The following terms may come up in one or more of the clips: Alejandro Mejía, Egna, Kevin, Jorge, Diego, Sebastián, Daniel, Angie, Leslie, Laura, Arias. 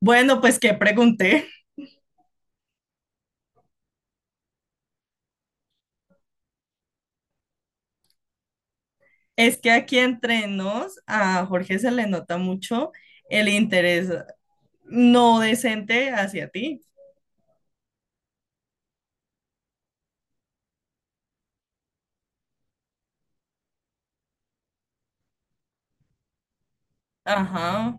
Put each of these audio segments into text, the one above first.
Bueno, pues que pregunté. Es que aquí entre nos a Jorge se le nota mucho el interés no decente hacia ti. Ajá.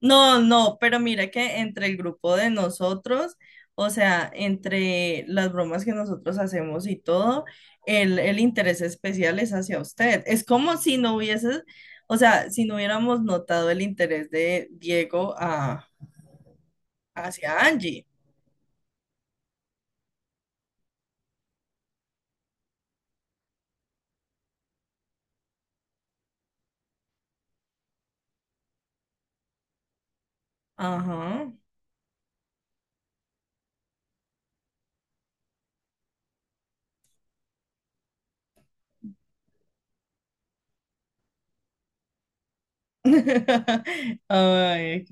No, no, pero mira que entre el grupo de nosotros, o sea, entre las bromas que nosotros hacemos y todo, el interés especial es hacia usted. Es como si no hubieses, o sea, si no hubiéramos notado el interés de Diego a, hacia Angie. Ajá. Ay,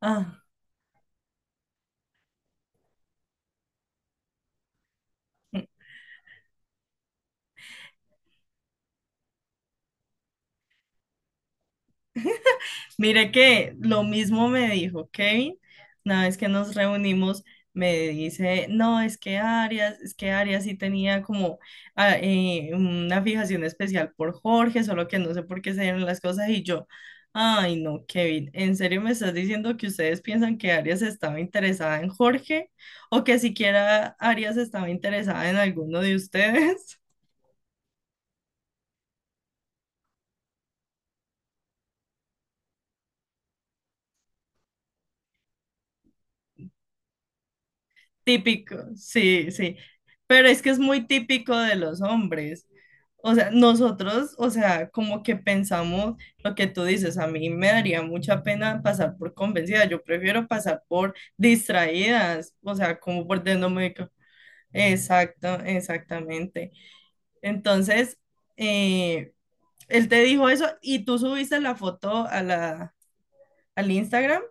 ah. Mire que lo mismo me dijo Kevin, una vez que nos reunimos, me dice, no, es que Arias sí tenía como una fijación especial por Jorge, solo que no sé por qué se dieron las cosas y yo, ay no, Kevin, ¿en serio me estás diciendo que ustedes piensan que Arias estaba interesada en Jorge o que siquiera Arias estaba interesada en alguno de ustedes? Típico, sí, sí. Pero es que es muy típico de los hombres. O sea, nosotros, o sea, como que pensamos lo que tú dices, a mí me daría mucha pena pasar por convencida, yo prefiero pasar por distraídas, o sea, como por no me. Exacto, exactamente. Entonces, eh, él te dijo eso y tú subiste la foto a la, al Instagram.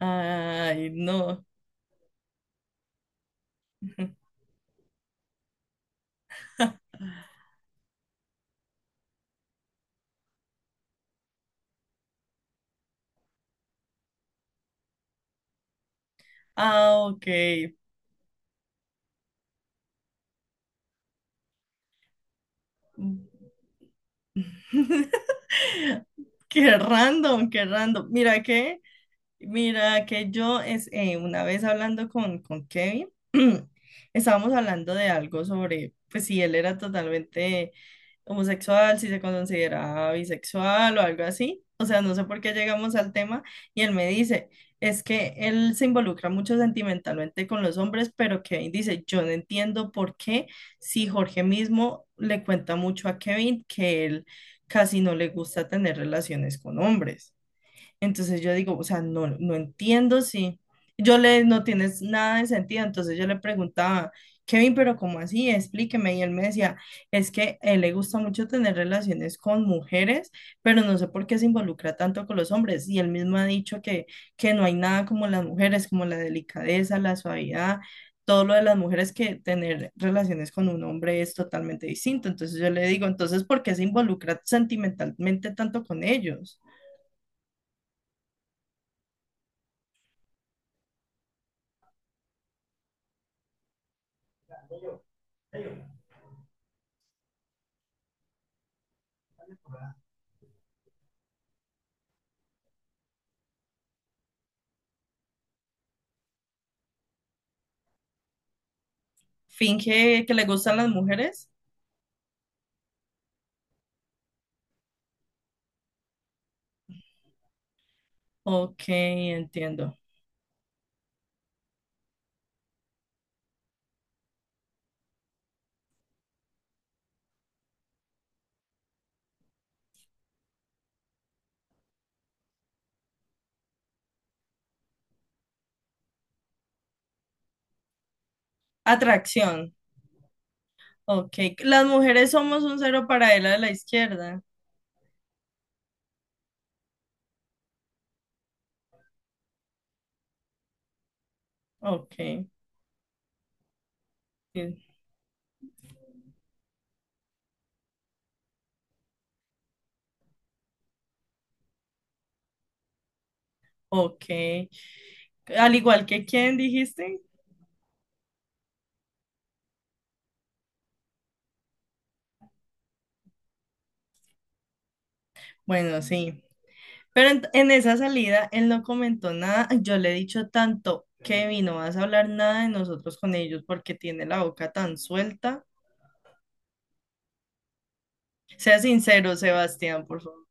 Ay, no. Ah, ok. Qué random, qué random. Mira que mira, que yo es, una vez hablando con Kevin, estábamos hablando de algo sobre, pues si él era totalmente homosexual, si se consideraba bisexual o algo así. O sea, no sé por qué llegamos al tema y él me dice, es que él se involucra mucho sentimentalmente con los hombres, pero Kevin dice, yo no entiendo por qué si Jorge mismo le cuenta mucho a Kevin que él casi no le gusta tener relaciones con hombres. Entonces yo digo, o sea, no, no entiendo si yo le, no tienes nada de sentido. Entonces yo le preguntaba, Kevin, pero ¿cómo así? Explíqueme. Y él me decía, es que a él le gusta mucho tener relaciones con mujeres, pero no sé por qué se involucra tanto con los hombres. Y él mismo ha dicho que no hay nada como las mujeres, como la delicadeza, la suavidad. Todo lo de las mujeres que tener relaciones con un hombre es totalmente distinto. Entonces yo le digo, entonces, ¿por qué se involucra sentimentalmente tanto con ellos? Finge que le gustan las mujeres. Ok, entiendo. Atracción. Ok. Las mujeres somos un cero para él a la izquierda. Ok. Sí, ok. Al igual que quién dijiste. Bueno, sí. Pero en esa salida él no comentó nada. Yo le he dicho tanto, Kevin, no vas a hablar nada de nosotros con ellos porque tiene la boca tan suelta. Sea sincero, Sebastián, por favor.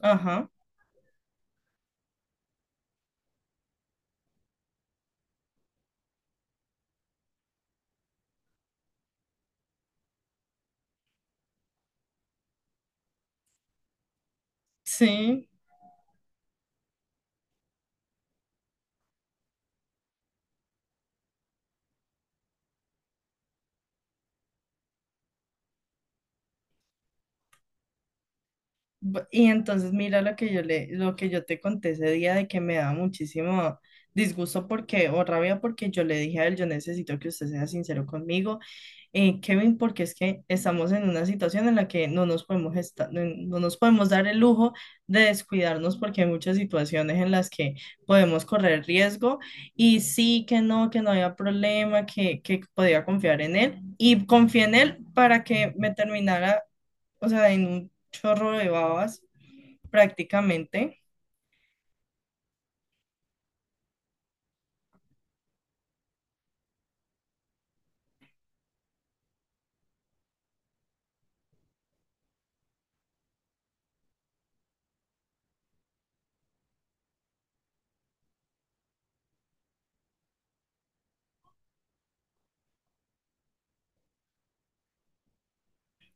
Ajá. Sí. B- Y entonces mira lo que yo le, lo que yo te conté ese día de que me da muchísimo disgusto porque, o rabia porque yo le dije a él, yo necesito que usted sea sincero conmigo, Kevin, porque es que estamos en una situación en la que no nos podemos esta- no nos podemos dar el lujo de descuidarnos porque hay muchas situaciones en las que podemos correr riesgo y sí que no había problema, que podía confiar en él y confié en él para que me terminara, o sea, en un chorro de babas, prácticamente.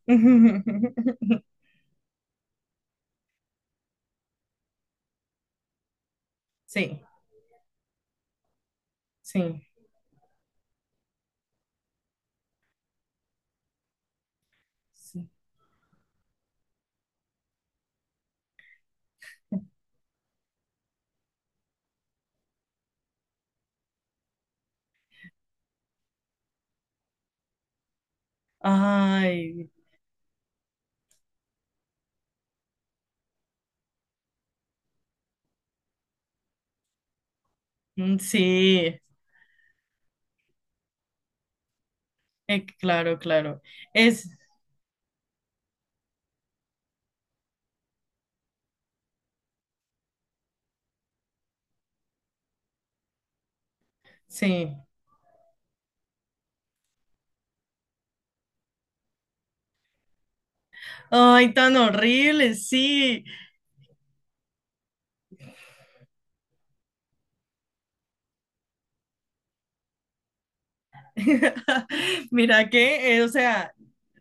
Sí, sí, sí. Ay, mm, sí, claro, claro. Es, sí. Ay, tan horrible, sí. Mira que, o sea,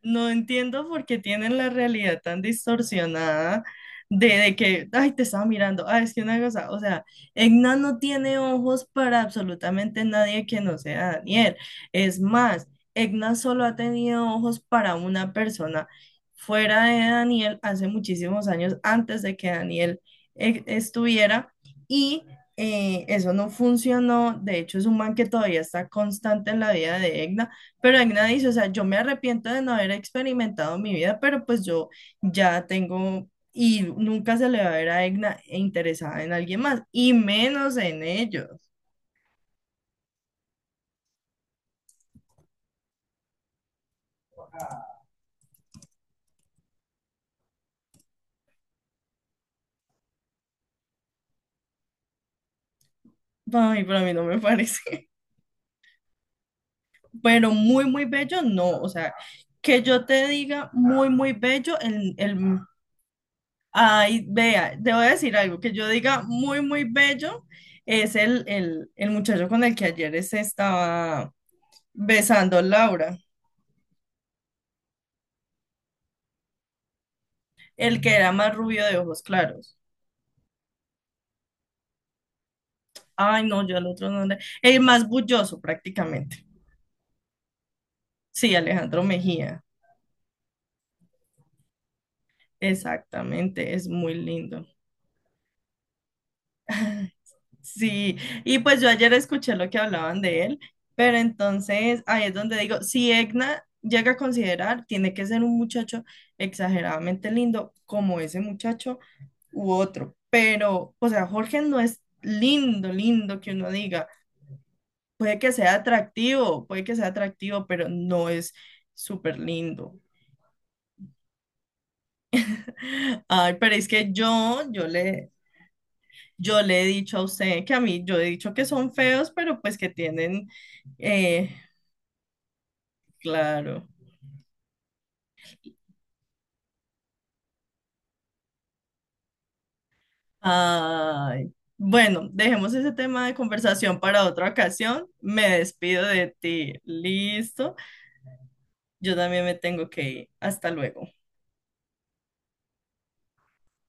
no entiendo por qué tienen la realidad tan distorsionada de que, ay, te estaba mirando, ay, es que una cosa, o sea, Egna no tiene ojos para absolutamente nadie que no sea Daniel. Es más, Egna solo ha tenido ojos para una persona fuera de Daniel hace muchísimos años antes de que Daniel estuviera. Y eso no funcionó, de hecho es un man que todavía está constante en la vida de Egna, pero Egna dice, o sea, yo me arrepiento de no haber experimentado mi vida, pero pues yo ya tengo y nunca se le va a ver a Egna interesada en alguien más, y menos en ellos. Ay, para mí no me parece, pero muy, muy bello, no, o sea, que yo te diga muy, muy bello, el. Ay, vea, te voy a decir algo que yo diga muy, muy bello. Es el muchacho con el que ayer se estaba besando Laura, el que era más rubio de ojos claros. Ay, no, yo al otro no le... El más bulloso prácticamente. Sí, Alejandro Mejía. Exactamente, es muy lindo. Sí, y pues yo ayer escuché lo que hablaban de él, pero entonces ahí es donde digo, si Egna llega a considerar, tiene que ser un muchacho exageradamente lindo como ese muchacho u otro, pero, o sea, Jorge no es lindo, lindo que uno diga, puede que sea atractivo, puede que sea atractivo, pero no es súper lindo. Ay, pero es que yo, yo le he dicho a usted que a mí, yo he dicho que son feos, pero pues que tienen... eh, Claro. Ay. Bueno, dejemos ese tema de conversación para otra ocasión. Me despido de ti. Listo. Yo también me tengo que ir. Hasta luego.